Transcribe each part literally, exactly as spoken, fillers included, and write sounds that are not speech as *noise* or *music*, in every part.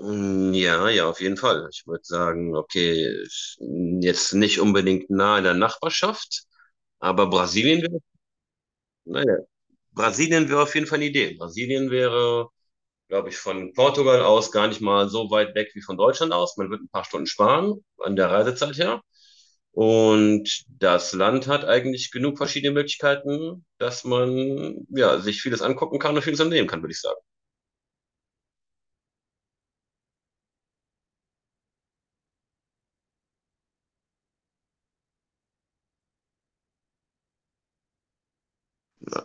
Mm, ja, ja, auf jeden Fall. Ich würde sagen, okay, jetzt nicht unbedingt nah in der Nachbarschaft, aber Brasilien wäre, naja, Brasilien wäre auf jeden Fall eine Idee. Brasilien wäre, glaube ich, von Portugal aus gar nicht mal so weit weg wie von Deutschland aus. Man wird ein paar Stunden sparen an der Reisezeit her. Und das Land hat eigentlich genug verschiedene Möglichkeiten, dass man, ja, sich vieles angucken kann und vieles unternehmen kann, würde ich sagen.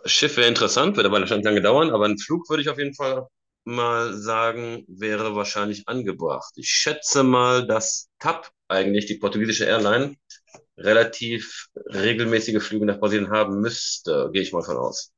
Schiff wäre interessant, wird aber wahrscheinlich lange dauern, aber ein Flug würde ich auf jeden Fall mal sagen, wäre wahrscheinlich angebracht. Ich schätze mal, dass T A P, eigentlich die portugiesische Airline, relativ regelmäßige Flüge nach Brasilien haben müsste, gehe ich mal von aus.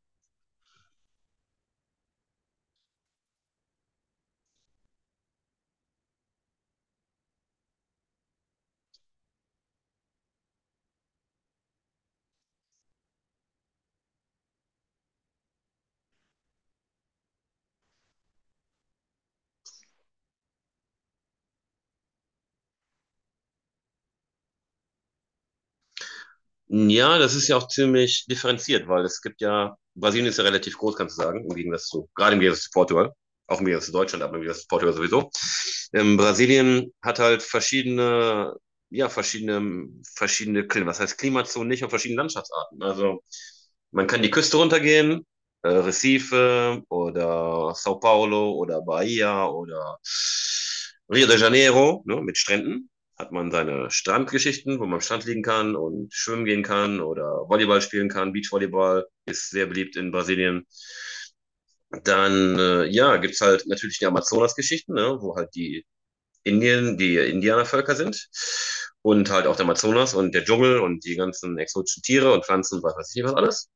Ja, das ist ja auch ziemlich differenziert, weil es gibt ja, Brasilien ist ja relativ groß, kannst du sagen, im Gegensatz zu, gerade im Gegensatz zu Portugal, auch im Gegensatz zu Deutschland, aber im Gegensatz zu Portugal sowieso. Ähm, Brasilien hat halt verschiedene, ja, verschiedene, verschiedene Klima, was heißt Klimazonen nicht und verschiedene Landschaftsarten. Also man kann die Küste runtergehen, äh, Recife oder São Paulo oder Bahia oder Rio de Janeiro, ne, mit Stränden hat man seine Strandgeschichten, wo man am Strand liegen kann und schwimmen gehen kann oder Volleyball spielen kann. Beachvolleyball ist sehr beliebt in Brasilien. Dann, äh, ja, gibt's halt natürlich die Amazonas-Geschichten, ne, wo halt die Indien, die Indianervölker sind und halt auch der Amazonas und der Dschungel und die ganzen exotischen Tiere und Pflanzen und was weiß ich was alles.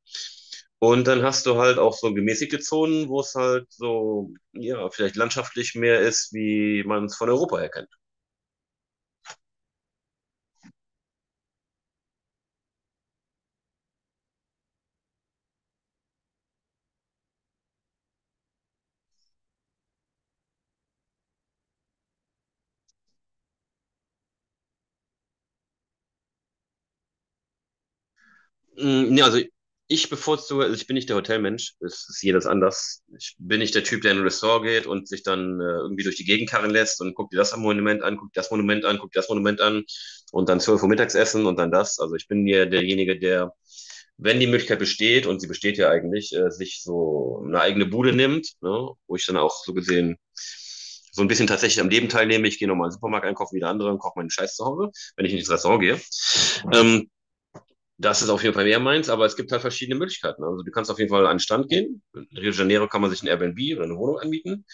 Und dann hast du halt auch so gemäßigte Zonen, wo es halt so, ja, vielleicht landschaftlich mehr ist, wie man es von Europa her kennt. Mm, nee, also ich bevorzuge, also ich bin nicht der Hotelmensch, es ist jedes anders. Ich bin nicht der Typ, der in ein Ressort geht und sich dann äh, irgendwie durch die Gegend karren lässt und guckt dir das Monument an, guckt das Monument an, guckt das Monument an und dann zwölf Uhr Mittagessen und dann das. Also ich bin ja derjenige, der, wenn die Möglichkeit besteht, und sie besteht ja eigentlich, äh, sich so eine eigene Bude nimmt, ne, wo ich dann auch so gesehen so ein bisschen tatsächlich am Leben teilnehme. Ich gehe nochmal in den Supermarkt einkaufen wie der andere und koche meinen Scheiß zu Hause, wenn ich nicht ins Restaurant gehe. Ähm, Das ist auf jeden Fall mehr meins, aber es gibt halt verschiedene Möglichkeiten. Also du kannst auf jeden Fall an den Stand gehen. In Rio de Janeiro kann man sich ein Airbnb oder eine Wohnung anmieten.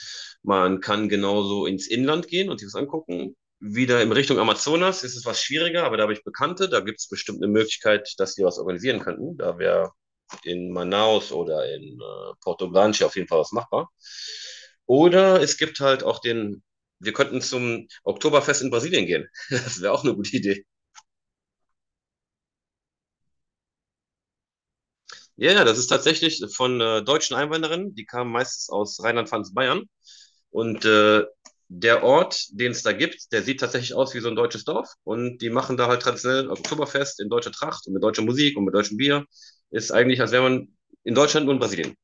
Man kann genauso ins Inland gehen und sich das angucken. Wieder in Richtung Amazonas ist es was schwieriger, aber da habe ich Bekannte. Da gibt es bestimmt eine Möglichkeit, dass die was organisieren könnten. Da wäre in Manaus oder in äh, Porto Blanche auf jeden Fall was machbar. Oder es gibt halt auch den, wir könnten zum Oktoberfest in Brasilien gehen. *laughs* Das wäre auch eine gute Idee. Ja, ja, das ist tatsächlich von äh, deutschen Einwanderern, die kamen meistens aus Rheinland-Pfalz-Bayern. Und äh, der Ort, den es da gibt, der sieht tatsächlich aus wie so ein deutsches Dorf. Und die machen da halt traditionell Oktoberfest in deutscher Tracht und mit deutscher Musik und mit deutschem Bier. Ist eigentlich, als wäre man in Deutschland und Brasilien.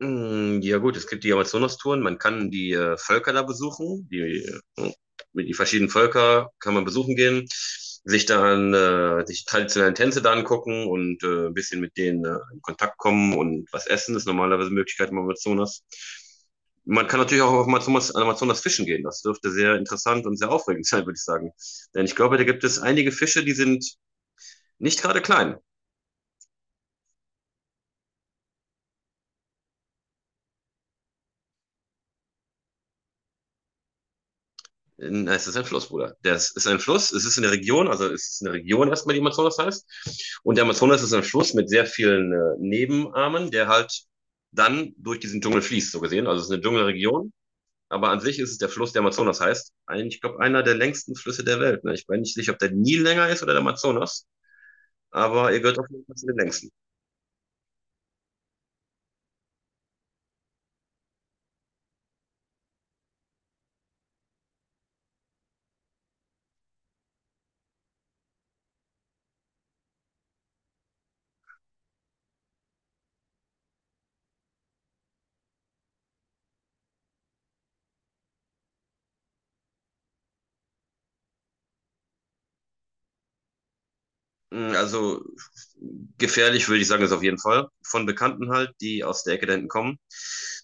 Mm, ja gut, es gibt die Amazonas-Touren, man kann die äh, Völker da besuchen, die, äh, die verschiedenen Völker kann man besuchen gehen, sich dann äh, sich die traditionellen Tänze da angucken und äh, ein bisschen mit denen äh, in Kontakt kommen und was essen ist normalerweise eine Möglichkeit im Amazonas. Man kann natürlich auch auf Amazonas, an Amazonas fischen gehen, das dürfte sehr interessant und sehr aufregend *laughs* sein, würde ich sagen. Denn ich glaube, da gibt es einige Fische, die sind nicht gerade klein. Nein, es ist ein Fluss, Bruder. Das ist ein Fluss, es ist eine Region, also es ist eine Region erstmal, die Amazonas heißt. Und der Amazonas ist ein Fluss mit sehr vielen äh, Nebenarmen, der halt dann durch diesen Dschungel fließt, so gesehen. Also es ist eine Dschungelregion, aber an sich ist es der Fluss, der Amazonas heißt. Ein, ich glaube, einer der längsten Flüsse der Welt. Ne? Ich bin nicht sicher, ob der Nil länger ist oder der Amazonas, aber er gehört auf jeden Fall zu den längsten. Mm, also gefährlich würde ich sagen, ist auf jeden Fall. Von Bekannten halt, die aus der Ecke da hinten kommen,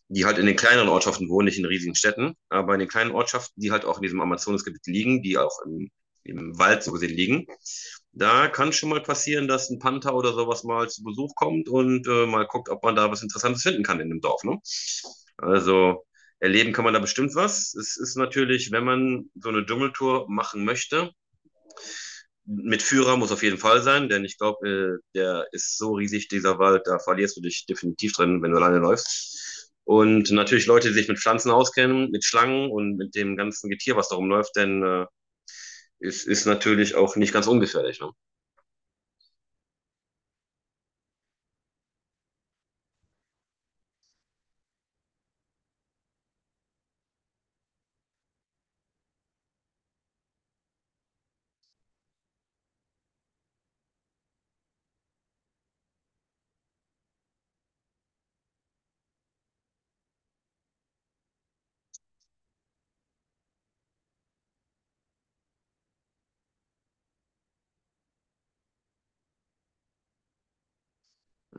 die halt in den kleineren Ortschaften wohnen, nicht in riesigen Städten, aber in den kleinen Ortschaften, die halt auch in diesem Amazonasgebiet liegen, die auch im, im Wald so gesehen liegen, da kann schon mal passieren, dass ein Panther oder sowas mal zu Besuch kommt und äh, mal guckt, ob man da was Interessantes finden kann in dem Dorf. Ne? Also erleben kann man da bestimmt was. Es ist natürlich, wenn man so eine Dschungeltour machen möchte, mit Führer muss auf jeden Fall sein, denn ich glaube, äh, der ist so riesig, dieser Wald, da verlierst du dich definitiv drin, wenn du alleine läufst. Und natürlich Leute, die sich mit Pflanzen auskennen, mit Schlangen und mit dem ganzen Getier, was da rumläuft, denn äh, es ist natürlich auch nicht ganz ungefährlich. Ne?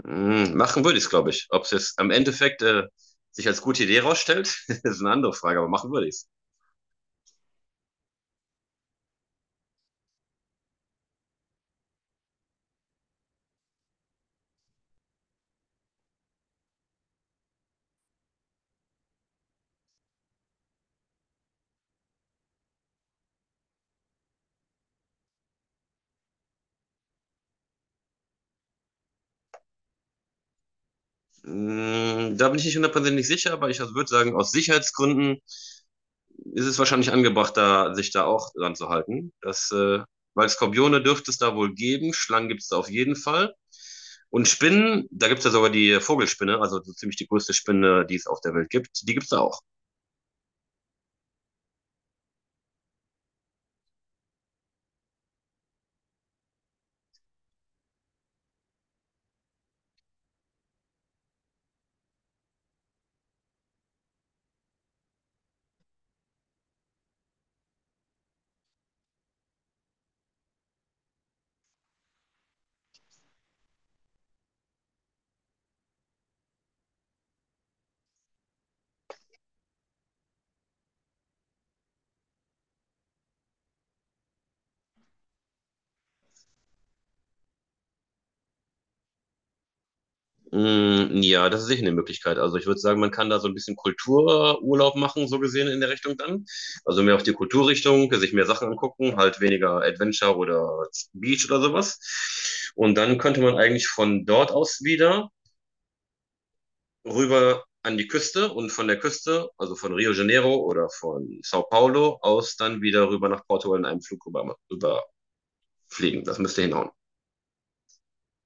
Mhm, machen würde ich es, glaube ich. Ob es jetzt am Endeffekt äh, sich als gute Idee rausstellt, *laughs* ist eine andere Frage, aber machen würde ich es. Mhm, da bin ich nicht hundertprozentig sicher, aber ich würde sagen, aus Sicherheitsgründen ist es wahrscheinlich angebracht, da, sich da auch dran zu halten. Das, äh, weil Skorpione dürfte es da wohl geben, Schlangen gibt es da auf jeden Fall. Und Spinnen, da gibt es ja sogar die Vogelspinne, also so ziemlich die größte Spinne, die es auf der Welt gibt, die gibt es da auch. Mm, ja, das ist sicher eine Möglichkeit. Also ich würde sagen, man kann da so ein bisschen Kultururlaub machen, so gesehen in der Richtung dann. Also mehr auf die Kulturrichtung, sich mehr Sachen angucken, halt weniger Adventure oder Beach oder sowas. Und dann könnte man eigentlich von dort aus wieder rüber an die Küste und von der Küste, also von Rio de Janeiro oder von Sao Paulo aus, dann wieder rüber nach Portugal in einem Flug rüber, rüberfliegen. Das müsste hinhauen.